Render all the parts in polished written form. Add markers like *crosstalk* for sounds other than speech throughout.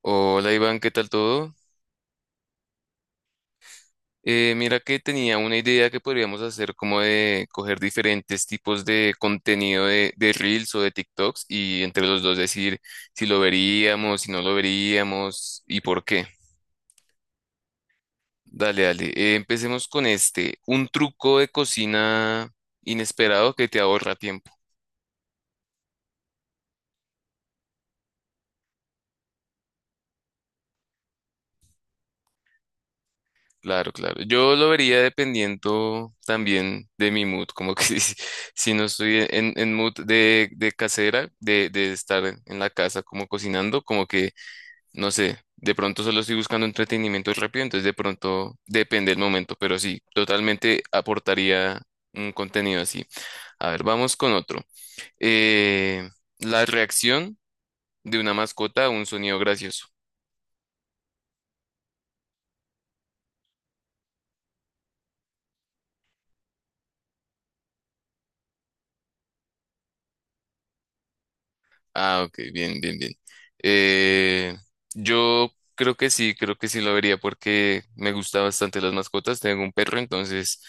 Hola Iván, ¿qué tal todo? Mira que tenía una idea que podríamos hacer como de coger diferentes tipos de contenido de Reels o de TikToks y entre los dos decir si lo veríamos, si no lo veríamos y por qué. Dale, dale. Empecemos con este, un truco de cocina inesperado que te ahorra tiempo. Claro, claro. Yo lo vería dependiendo también de mi mood, como que *laughs* si no estoy en mood de casera, de estar en la casa como cocinando, como que, no sé, de pronto solo estoy buscando entretenimiento rápido, entonces de pronto depende el momento, pero sí, totalmente aportaría un contenido así. A ver, vamos con otro. Eh, la reacción de una mascota a un sonido gracioso. Ah, ok, bien, bien, bien. Eh, yo creo que sí lo vería porque me gustan bastante las mascotas. Tengo un perro, entonces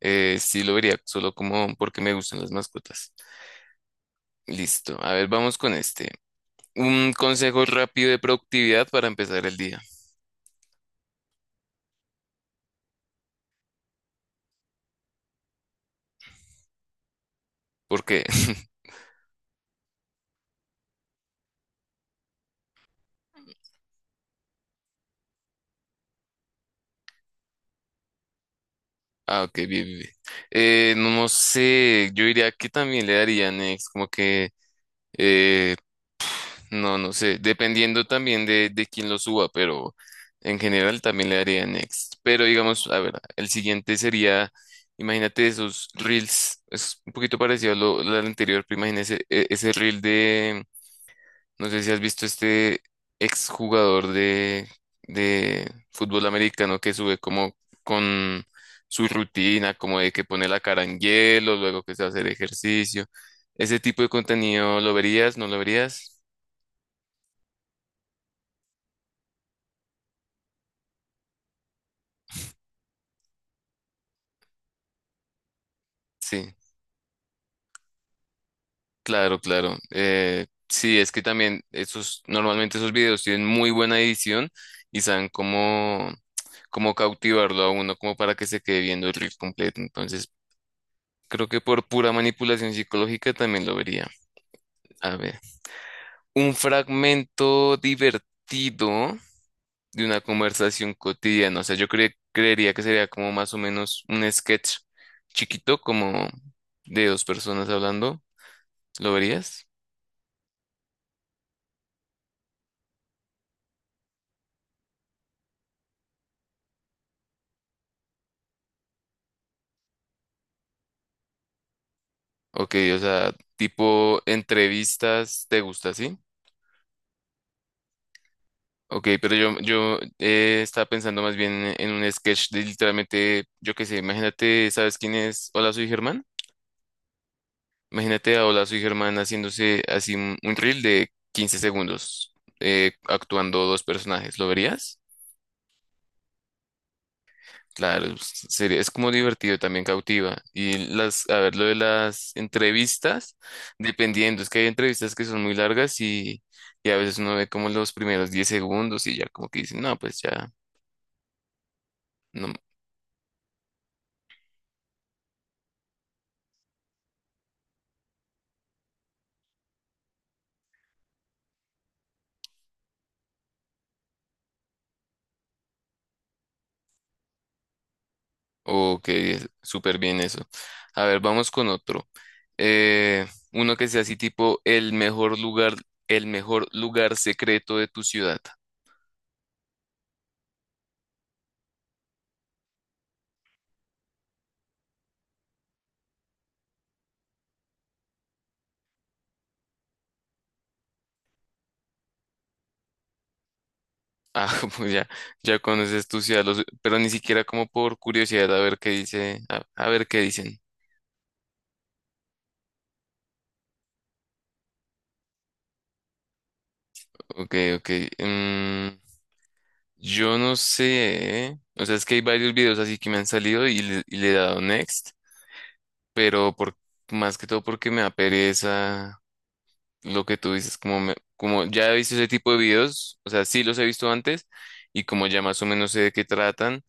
sí lo vería, solo como porque me gustan las mascotas. Listo, a ver, vamos con este. Un consejo rápido de productividad para empezar el día. ¿Por qué? *laughs* Ah, ok, bien, bien, bien. No, no sé, yo diría que también le darían, como que eh, No, no sé, dependiendo también de quién lo suba, pero en general también le daría next. Pero digamos, a ver, el siguiente sería, imagínate esos reels, es un poquito parecido a lo del anterior, pero imagínese ese reel de, no sé si has visto este exjugador de fútbol americano que sube como con su rutina, como de que pone la cara en hielo, luego que se va a hacer ejercicio. Ese tipo de contenido, ¿lo verías? ¿No lo verías? Sí. Claro, claro. Sí, es que también esos, normalmente esos videos tienen muy buena edición y saben cómo cautivarlo a uno, como para que se quede viendo el reel completo. Entonces, creo que por pura manipulación psicológica también lo vería. A ver, un fragmento divertido de una conversación cotidiana. O sea, yo creería que sería como más o menos un sketch chiquito, como de dos personas hablando. ¿Lo verías? Ok, o sea, tipo entrevistas, ¿te gusta, así? Ok, pero yo estaba pensando más bien en un sketch de literalmente, yo qué sé, imagínate, ¿sabes quién es Hola, soy Germán? Imagínate a Hola, soy Germán haciéndose así un reel de 15 segundos, actuando dos personajes, ¿lo verías? Claro, sería, es como divertido, también cautiva. A ver, lo de las entrevistas, dependiendo, es que hay entrevistas que son muy largas y a veces uno ve como los primeros 10 segundos y ya como que dicen, no, pues ya, no, o que súper bien eso. A ver, vamos con otro. Eh, uno que sea así tipo el mejor lugar secreto de tu ciudad. Ah, *laughs* pues ya, ya conoces tu ciudad, pero ni siquiera como por curiosidad a ver qué dice, a ver qué dicen. Ok, ok. mm, yo no sé. ¿Eh? O sea, es que hay varios videos así que me han salido y le he dado next, pero más que todo porque me da pereza lo que tú dices, como, como ya he visto ese tipo de videos, o sea, sí los he visto antes y como ya más o menos sé de qué tratan,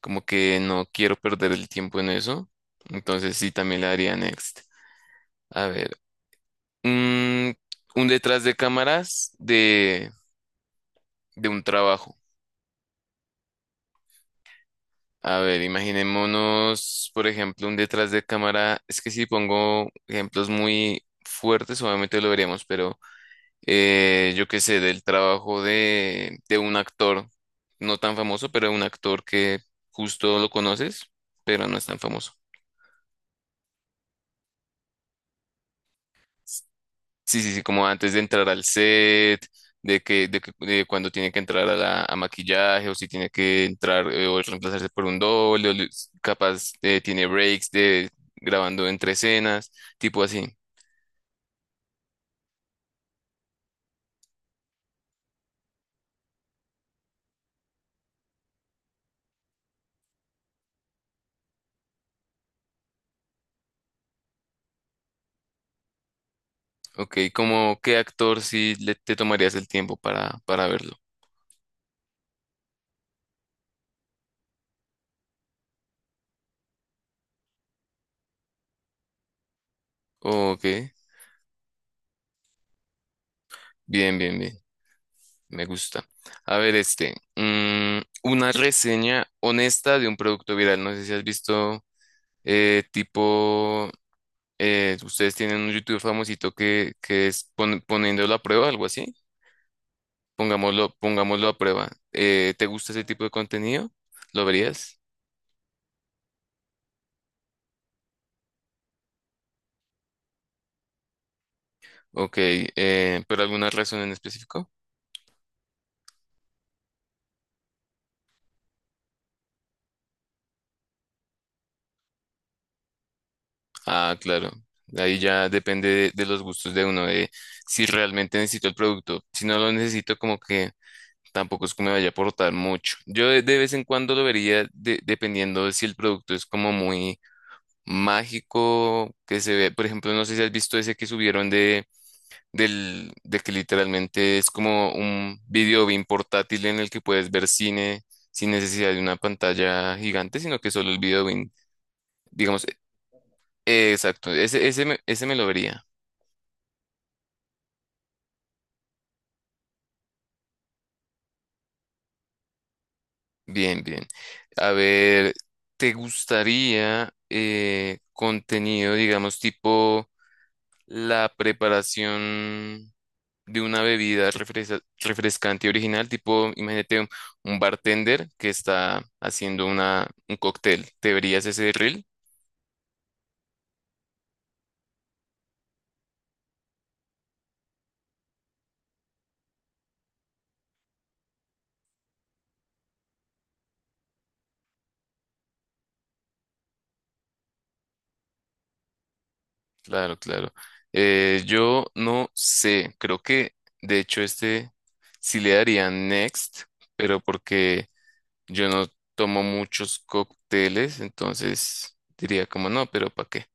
como que no quiero perder el tiempo en eso. Entonces sí, también le daría next. A ver, mm, un detrás de cámaras de un trabajo. A ver, imaginémonos, por ejemplo, un detrás de cámara. Es que si pongo ejemplos muy fuertes, obviamente lo veríamos, pero yo qué sé, del trabajo de un actor, no tan famoso, pero un actor que justo lo conoces, pero no es tan famoso. Sí, sí, sí, como antes de entrar al set, de cuando tiene que entrar a maquillaje, o si tiene que entrar o reemplazarse por un doble, o capaz tiene breaks de grabando entre escenas, tipo así. Ok, ¿como qué actor si le, te tomarías el tiempo para verlo? Ok, bien, bien, bien. Me gusta. A ver, una reseña honesta de un producto viral. No sé si has visto, tipo, ustedes tienen un YouTube famosito que es poniéndolo a prueba, algo así. Pongámoslo, pongámoslo a prueba. ¿Te gusta ese tipo de contenido? ¿Lo verías? Ok, ¿pero alguna razón en específico? Ah, claro. Ahí ya depende de los gustos de uno, de si realmente necesito el producto. Si no lo necesito, como que tampoco es que me vaya a aportar mucho. Yo de vez en cuando lo vería dependiendo de si el producto es como muy mágico, que se ve, por ejemplo, no sé si has visto ese que subieron de que literalmente es como un video bien portátil en el que puedes ver cine sin necesidad de una pantalla gigante, sino que solo el video bien, digamos, exacto, ese me lo vería. Bien, bien. A ver, ¿te gustaría contenido, digamos, tipo la preparación de una bebida refrescante original, tipo, imagínate un bartender que está haciendo un cóctel. ¿Te verías ese reel? Claro, claro. Yo no sé, creo que de hecho este sí le daría next, pero porque yo no tomo muchos cócteles, entonces diría como no, pero ¿para qué?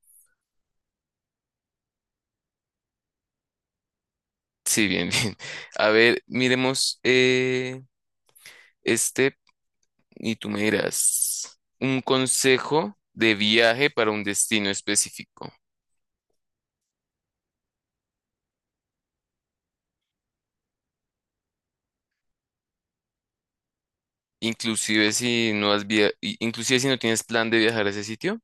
Sí, bien, *laughs* bien. A ver, miremos este Y tú me dirás, un consejo de viaje para un destino específico. Inclusive si no tienes plan de viajar a ese sitio,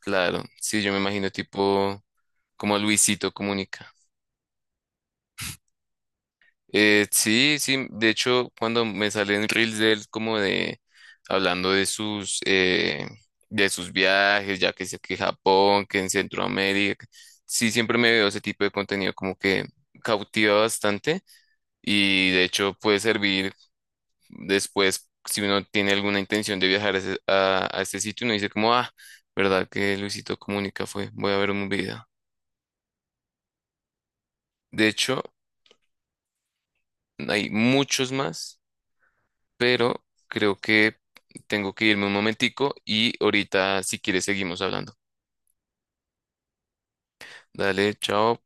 claro, sí, yo me imagino tipo como Luisito Comunica. Sí, sí, de hecho, cuando me salen reels de él como de hablando de sus viajes, ya que sé que Japón, que en Centroamérica, sí, siempre me veo ese tipo de contenido como que cautiva bastante. Y de hecho puede servir después si uno tiene alguna intención de viajar a este sitio, uno dice como, ah, ¿verdad que Luisito Comunica fue? Voy a ver un video. De hecho, hay muchos más, pero creo que tengo que irme un momentico y ahorita si quieres seguimos hablando. Dale, chao.